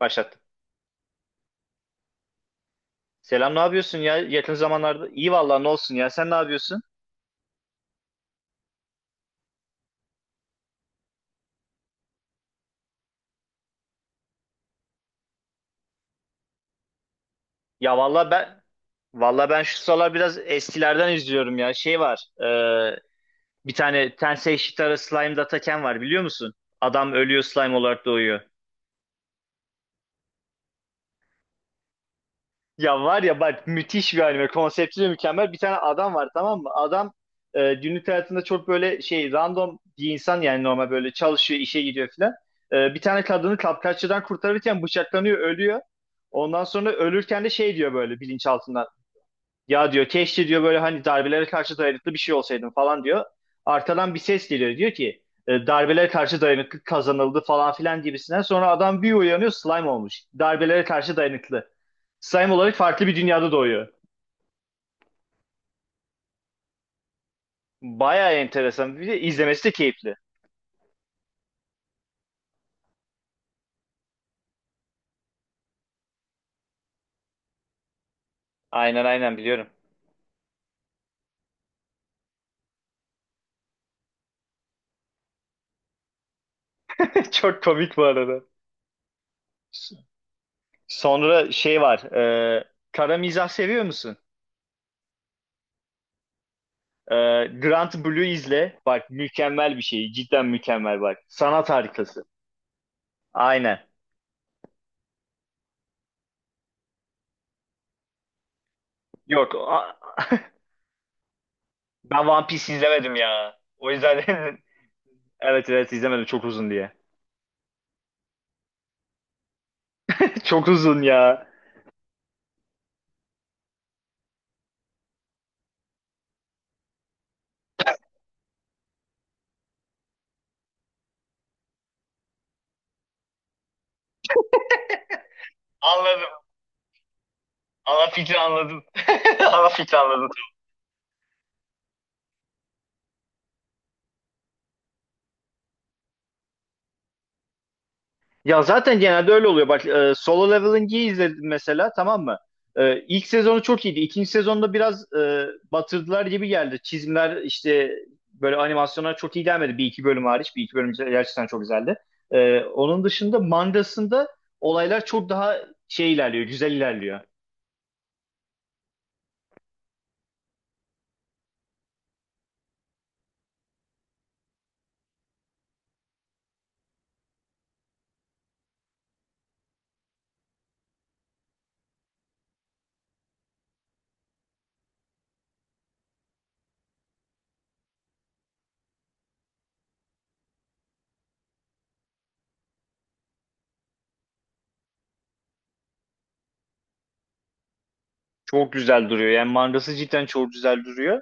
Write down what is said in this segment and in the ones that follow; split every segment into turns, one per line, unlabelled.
Başlattım. Selam ne yapıyorsun ya yakın zamanlarda? İyi vallahi ne olsun ya sen ne yapıyorsun? Ya vallahi ben şu sıralar biraz eskilerden izliyorum ya. Şey var bir tane Tensei Shitara Slime Dataken var biliyor musun? Adam ölüyor slime olarak doğuyor. Ya var ya bak müthiş bir anime. Konsepti de mükemmel. Bir tane adam var tamam mı? Adam günlük hayatında çok böyle şey random bir insan yani normal böyle çalışıyor, işe gidiyor filan. Bir tane kadını kapkaççıdan kurtarırken bıçaklanıyor, ölüyor. Ondan sonra ölürken de şey diyor böyle bilinçaltından. Ya diyor keşke diyor böyle hani darbelere karşı dayanıklı bir şey olsaydım falan diyor. Arkadan bir ses geliyor diyor ki darbelere karşı dayanıklı kazanıldı falan filan gibisinden. Sonra adam bir uyanıyor slime olmuş. Darbelere karşı dayanıklı. Slime olarak farklı bir dünyada doğuyor. Bayağı enteresan. Bir de izlemesi de keyifli. Aynen aynen biliyorum. Çok komik bu arada. Sonra şey var. Kara mizah seviyor musun? E, Grant Blue izle. Bak mükemmel bir şey. Cidden mükemmel bak. Sanat harikası. Aynen. Yok. Ben One Piece izlemedim ya. O yüzden evet evet izlemedim çok uzun diye. Çok uzun ya. Anladım. Ana fikri anladım. Ana fikri anladım. Ya zaten genelde öyle oluyor. Bak Solo Leveling'i izledim mesela tamam mı? İlk sezonu çok iyiydi. İkinci sezonda biraz batırdılar gibi geldi. Çizimler işte böyle animasyonlar çok iyi gelmedi. Bir iki bölüm hariç. Bir iki bölüm gerçekten çok güzeldi. Onun dışında mangasında olaylar çok daha şey ilerliyor. Güzel ilerliyor. Çok güzel duruyor. Yani mangası cidden çok güzel duruyor.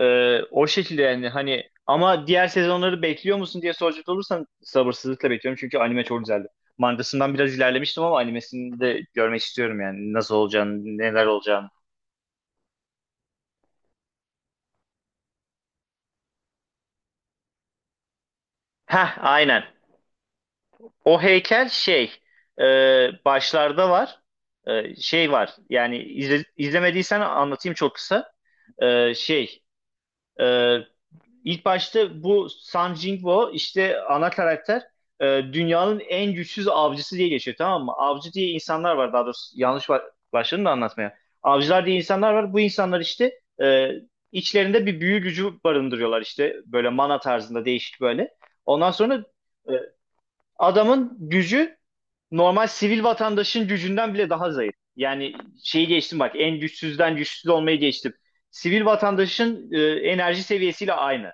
O şekilde yani hani ama diğer sezonları bekliyor musun diye soracak olursan sabırsızlıkla bekliyorum çünkü anime çok güzeldi. Mangasından biraz ilerlemiştim ama animesini de görmek istiyorum yani nasıl olacağını, neler olacağını. Heh, aynen. O heykel şey e, başlarda var. Şey var yani izlemediysen anlatayım çok kısa. E, şey e, İlk başta bu Sun Jingwo işte ana karakter e, dünyanın en güçsüz avcısı diye geçiyor tamam mı? Avcı diye insanlar var daha doğrusu yanlış başladım da anlatmaya. Avcılar diye insanlar var. Bu insanlar işte içlerinde bir büyü gücü barındırıyorlar işte böyle mana tarzında değişik böyle. Ondan sonra e, adamın gücü normal sivil vatandaşın gücünden bile daha zayıf. Yani şeyi geçtim bak en güçsüzden güçsüz olmayı geçtim. Sivil vatandaşın enerji seviyesiyle aynı.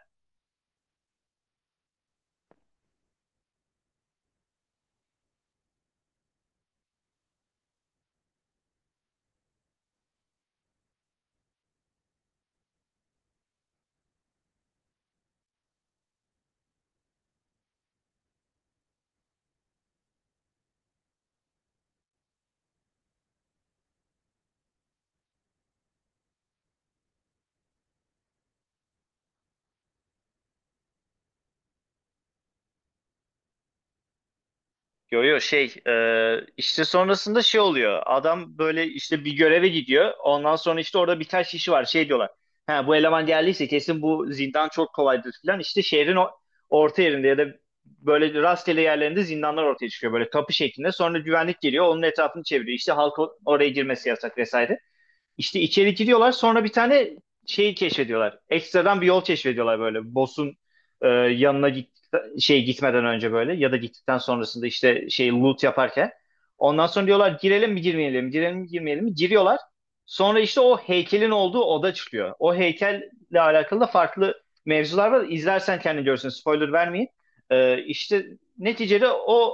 Yo yo şey işte sonrasında şey oluyor. Adam böyle işte bir göreve gidiyor. Ondan sonra işte orada birkaç kişi var. Şey diyorlar. Ha bu eleman geldiyse kesin bu zindan çok kolaydır falan. İşte şehrin orta yerinde ya da böyle rastgele yerlerinde zindanlar ortaya çıkıyor. Böyle kapı şeklinde. Sonra güvenlik geliyor. Onun etrafını çeviriyor. İşte halk oraya girmesi yasak vesaire. İşte içeri giriyorlar sonra bir tane şeyi keşfediyorlar. Ekstradan bir yol keşfediyorlar böyle. Boss'un yanına git, şey gitmeden önce böyle ya da gittikten sonrasında işte şey loot yaparken. Ondan sonra diyorlar girelim mi girmeyelim mi girelim mi girmeyelim mi giriyorlar. Sonra işte o heykelin olduğu oda çıkıyor. O heykelle alakalı da farklı mevzular var. İzlersen kendin görürsün spoiler vermeyeyim. İşte neticede o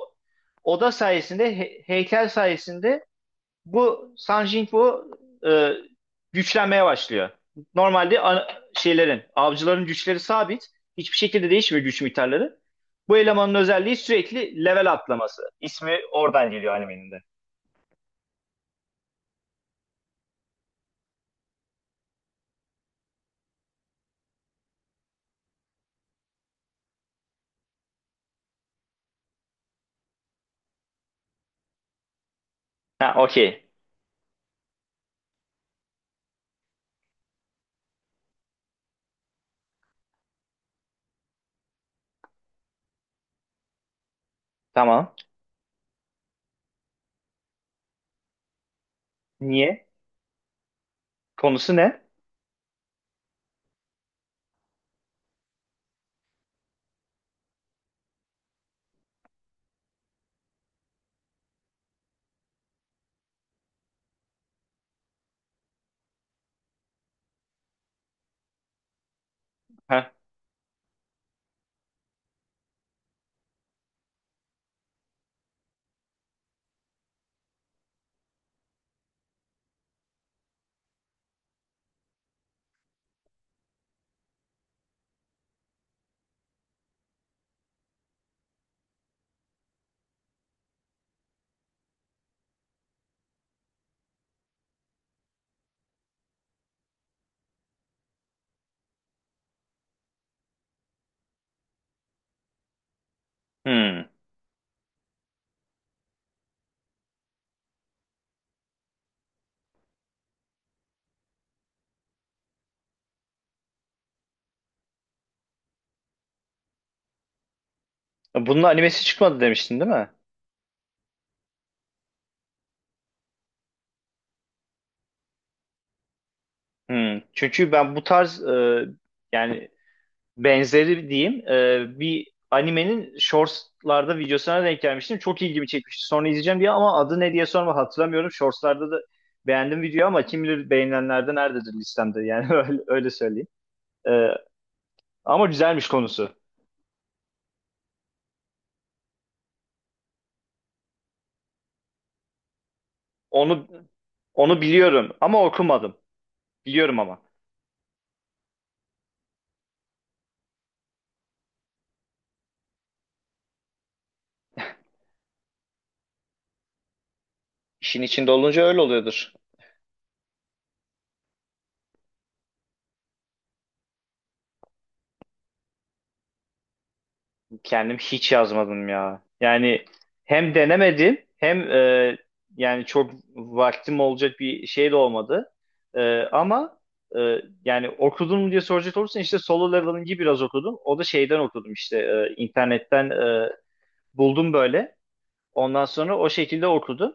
oda sayesinde heykel sayesinde bu San Jinfu e, güçlenmeye başlıyor. Normalde şeylerin, avcıların güçleri sabit. Hiçbir şekilde değişmiyor güç miktarları. Bu elemanın özelliği sürekli level atlaması. İsmi oradan geliyor animenin de. Ha, okey. Tamam. Niye? Konusu ne? Ha, hmm. Bunun animesi çıkmadı demiştin değil mi? Hmm. Çünkü ben bu tarz yani benzeri diyeyim bir animenin shortslarda videosuna denk gelmiştim. Çok ilgimi çekmişti. Sonra izleyeceğim diye ama adı ne diye sorma hatırlamıyorum. Shortslarda da beğendim video ama kim bilir beğenilenlerde nerededir listemde yani öyle, öyle söyleyeyim. E, Ama güzelmiş konusu. Onu onu biliyorum ama okumadım. Biliyorum ama. İşin içinde olunca öyle oluyordur. Kendim hiç yazmadım ya. Yani hem denemedim hem yani çok vaktim olacak bir şey de olmadı. Ama e, yani okudun mu diye soracak olursan işte Solo Leveling'i biraz okudum. O da şeyden okudum işte internetten buldum böyle. Ondan sonra o şekilde okudum.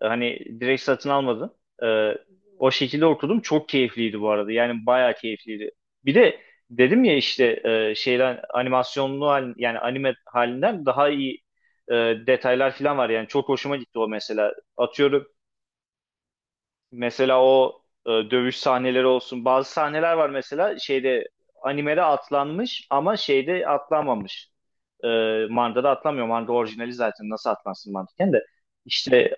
Hani direkt satın almadım. Ee, o şekilde okudum. Çok keyifliydi bu arada. Yani bayağı keyifliydi. Bir de dedim ya işte şeyden animasyonlu hal, yani anime halinden daha iyi e, detaylar falan var. Yani çok hoşuma gitti o mesela. Atıyorum mesela o dövüş sahneleri olsun. Bazı sahneler var mesela şeyde animede atlanmış ama şeyde atlanmamış. E, Manga'da atlamıyor. Manga orijinali zaten nasıl atlansın mantıken de. İşte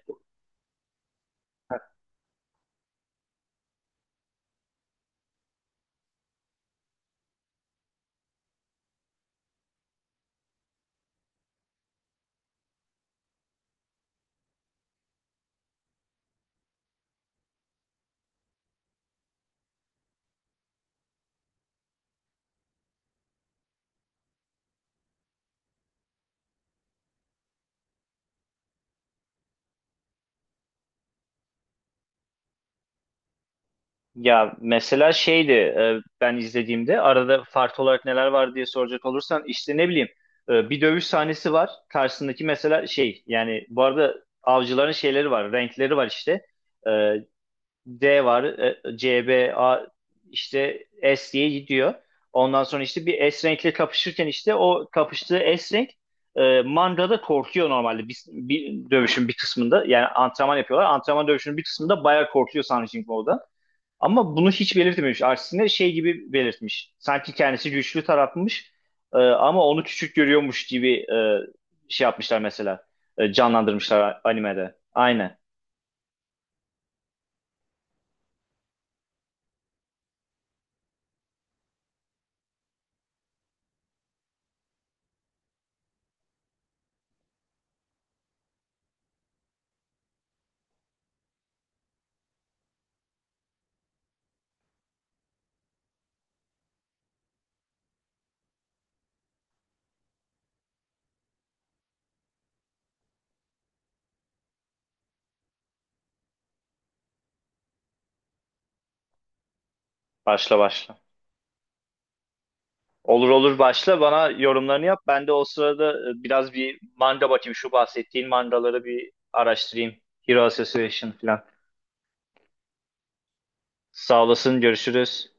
ya mesela şeydi ben izlediğimde arada farklı olarak neler var diye soracak olursan işte ne bileyim bir dövüş sahnesi var. Karşısındaki mesela şey yani bu arada avcıların şeyleri var renkleri var işte. E, D var, C, B, A işte S diye gidiyor. Ondan sonra işte bir S renkle kapışırken işte o kapıştığı S renk Manga'da korkuyor normalde bir, bir dövüşün bir kısmında. Yani antrenman yapıyorlar. Antrenman dövüşünün bir kısmında bayağı korkuyor Sun Jingwo'da. Ama bunu hiç belirtmemiş. Aksine şey gibi belirtmiş. Sanki kendisi güçlü tarafmış ama onu küçük görüyormuş gibi şey yapmışlar mesela. Canlandırmışlar animede. Aynen. Başla başla. Olur olur başla bana yorumlarını yap. Ben de o sırada biraz bir manga bakayım. Şu bahsettiğin mangaları bir araştırayım. Hero Association falan. Sağ olasın görüşürüz.